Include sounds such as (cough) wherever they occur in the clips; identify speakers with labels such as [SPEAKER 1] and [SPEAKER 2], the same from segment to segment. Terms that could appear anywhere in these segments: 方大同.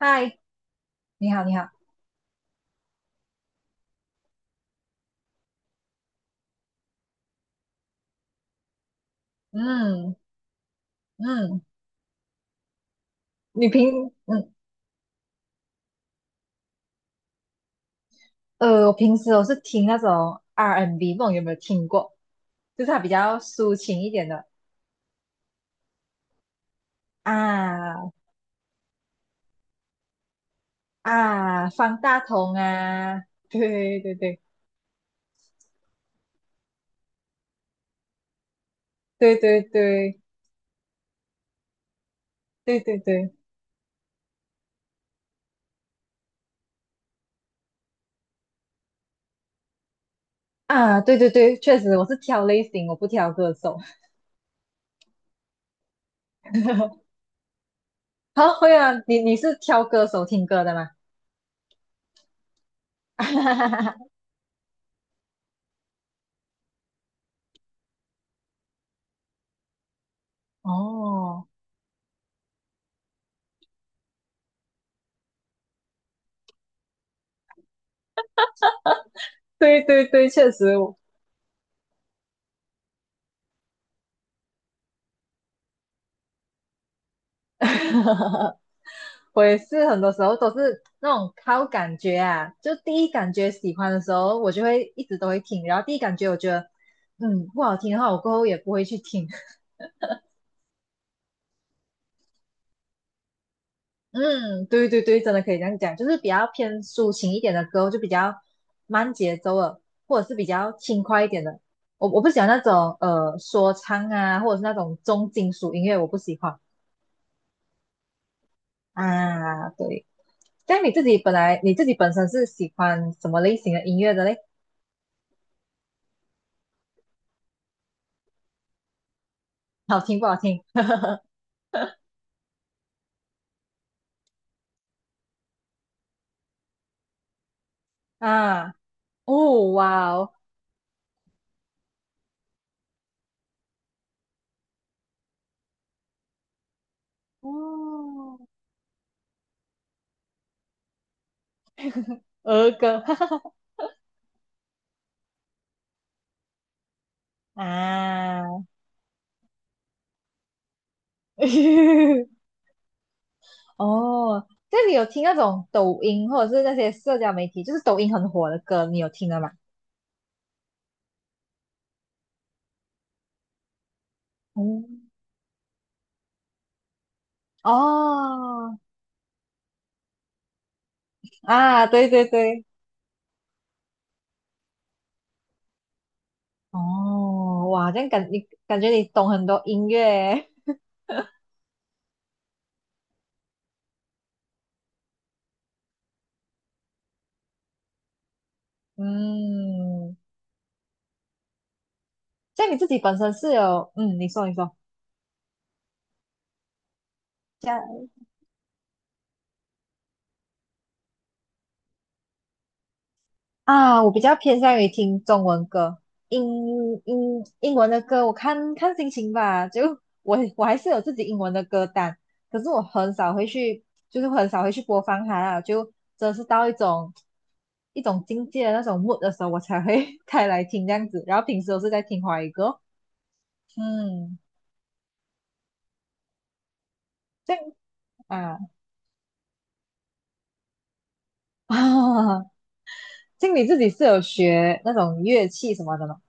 [SPEAKER 1] 嗨，你好，你好，嗯嗯，你平嗯呃，我平时我是听那种 R&B，and B，不懂有没有听过？就是它比较抒情一点的啊啊，方大同啊，对对对对对对对对对啊，对对对，确实我是挑类型，我不挑歌手。(laughs) 好，会啊，你是挑歌手听歌的吗？(laughs) 哦，对对对，确实我。(laughs) 我也是很多时候都是那种靠感觉啊，就第一感觉喜欢的时候，我就会一直都会听，然后第一感觉我觉得，不好听的话，我过后也不会去听。(laughs) 嗯，对对对，真的可以这样讲，就是比较偏抒情一点的歌，就比较慢节奏的，或者是比较轻快一点的。我不喜欢那种说唱啊，或者是那种重金属音乐，我不喜欢啊。对，但你自己本身是喜欢什么类型的音乐的嘞？好听不好听？(laughs) 啊，哦，哇哦，哦，儿歌，(laughs) 哈哈哈，啊，(laughs) 哦，这里有听那种抖音或者是那些社交媒体，就是抖音很火的歌，你有听了吗？嗯，哦，啊，对对对，哦，哇，这样你感觉你懂很多音乐耶 (laughs) 嗯，像你自己本身是有，嗯，你说你说。啊，我比较偏向于听中文歌，英英文的歌，我看看心情吧。就 (laughs) 我还是有自己英文的歌单，可是我很少会去，就是很少会去播放它啦。就真的是到一种境界的那种 mood 的时候，我才会 (laughs) 开来听这样子。然后平时都是在听华语歌，嗯，这样啊 (laughs) 啊，经理自己是有学那种乐器什么的吗？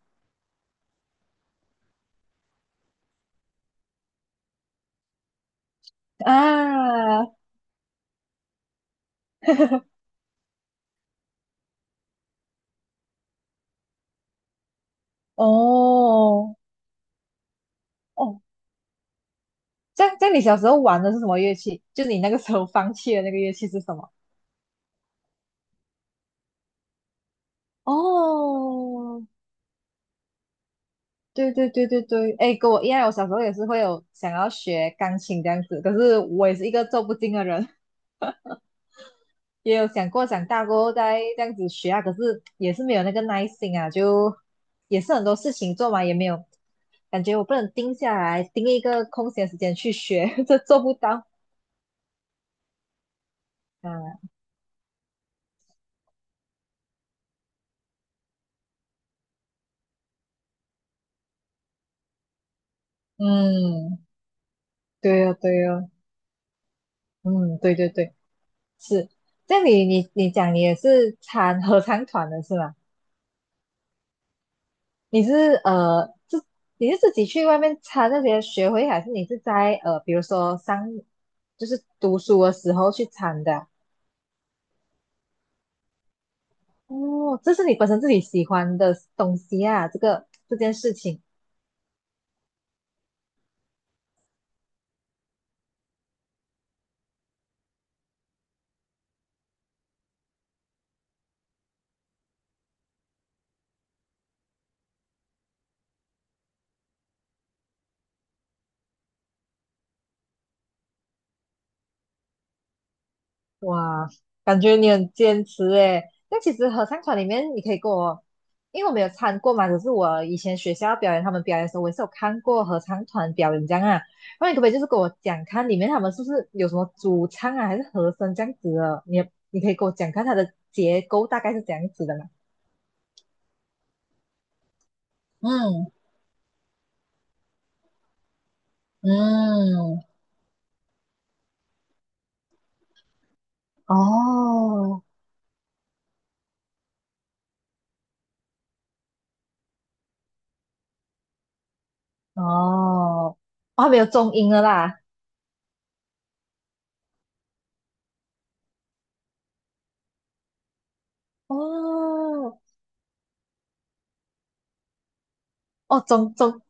[SPEAKER 1] 啊，哦哦，这样你小时候玩的是什么乐器？就你那个时候放弃的那个乐器是什么？哦，对对对对对，哎，跟我一样，我小时候也是会有想要学钢琴这样子，可是我也是一个做不精的人，(laughs) 也有想过长大过后再这样子学啊，可是也是没有那个耐心啊，就也是很多事情做嘛，也没有感觉我不能定下来，定一个空闲时间去学，(laughs) 这做不到啊。嗯，对呀对呀，嗯，对对对。是，这样你讲你也是参合唱团的是吗？你是呃自你是自己去外面参那些学会，还是你是在比如说上就是读书的时候去参的啊哦，这是你本身自己喜欢的东西啊，这个这件事情。哇，感觉你很坚持诶。那其实合唱团里面，你可以跟我，因为我没有参过嘛，只是我以前学校表演，他们表演的时候，我也是有看过合唱团表演这样啊。那你可不可以就是跟我讲看里面他们是不是有什么主唱啊，还是和声这样子的？你可以给我讲看它的结构大概是怎样子的嘛？嗯嗯，哦哦，哦，还没有中音了啦。哦哦，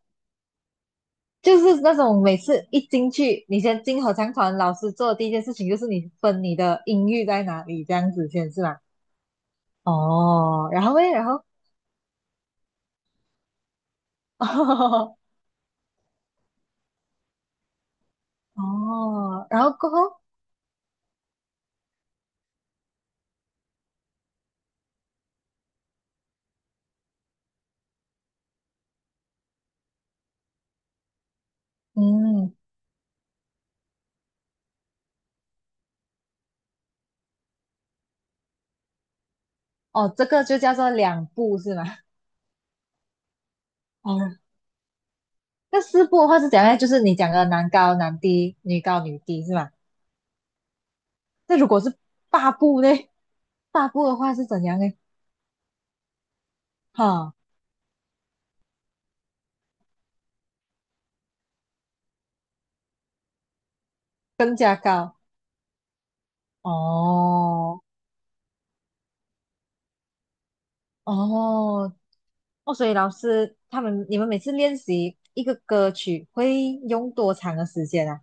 [SPEAKER 1] 就是那种每次一进去，你先进合唱团，老师做的第一件事情就是你分你的音域在哪里，这样子先是吗？哦，然后 (laughs) 哦哦然后过后，嗯，哦，这个就叫做两步是吗？哦，那四步的话是怎样呢？就是你讲的男高男低，女高女低是吗？那如果是八步呢？八步的话是怎样呢？哈，更加高。哦哦，哦，所以老师他们，你们每次练习一个歌曲会用多长的时间啊？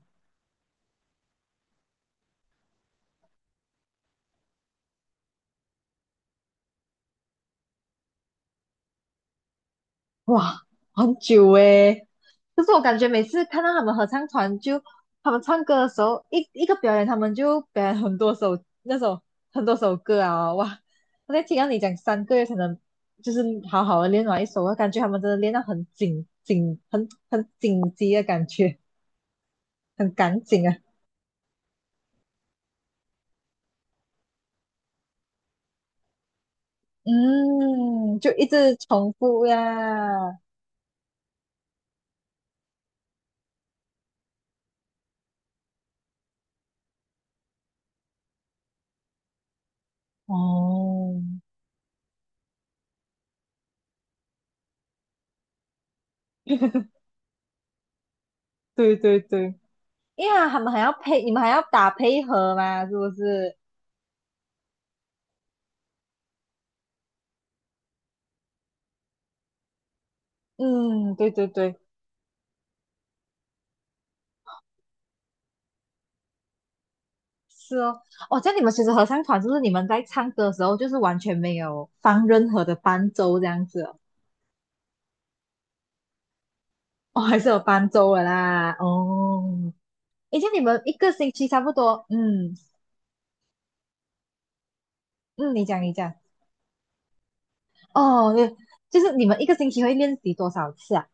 [SPEAKER 1] 哇，很久诶。可是我感觉每次看到他们合唱团就，他们唱歌的时候，一个表演，他们就表演很多首歌啊，哇！我在听到你讲3个月才能就是好好的练完一首，我感觉他们真的练到很紧紧，很紧急的感觉，很赶紧啊。嗯，就一直重复呀。哦，(laughs) 对对对，因为他们还要配，你们还要打配合嘛，是不是？嗯，对对对，是哦，哦，这样你们其实合唱团是不是你们在唱歌的时候，就是完全没有放任何的伴奏这样子哦，哦，还是有伴奏的啦，哦，诶，像你们一个星期差不多，嗯嗯，你讲你讲，哦，对，就是你们一个星期会练习多少次啊？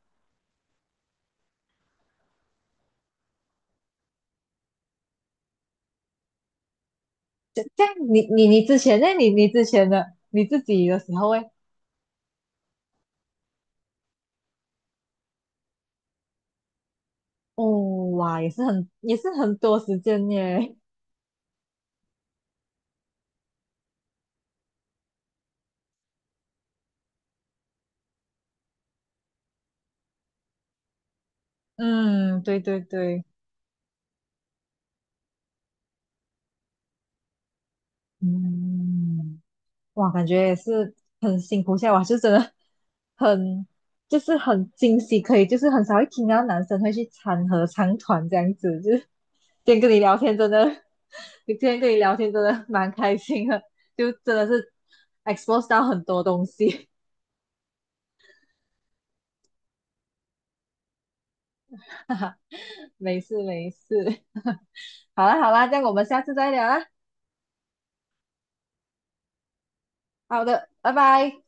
[SPEAKER 1] 这样你之前那你之前的你自己的时候诶，哦，哇，也是很多时间耶。(laughs) 嗯，对对对，嗯，哇，感觉也是很辛苦下来，哇，很就是很惊喜，可以就是很少会听到男生会去参合唱团这样子，就是今天跟你聊天真的，(laughs) 今天跟你聊天真的蛮开心的，就真的是 expose 到很多东西，(laughs) 哈哈，没事没事，(laughs) 好啦好啦，这样我们下次再聊啦，好的，拜拜。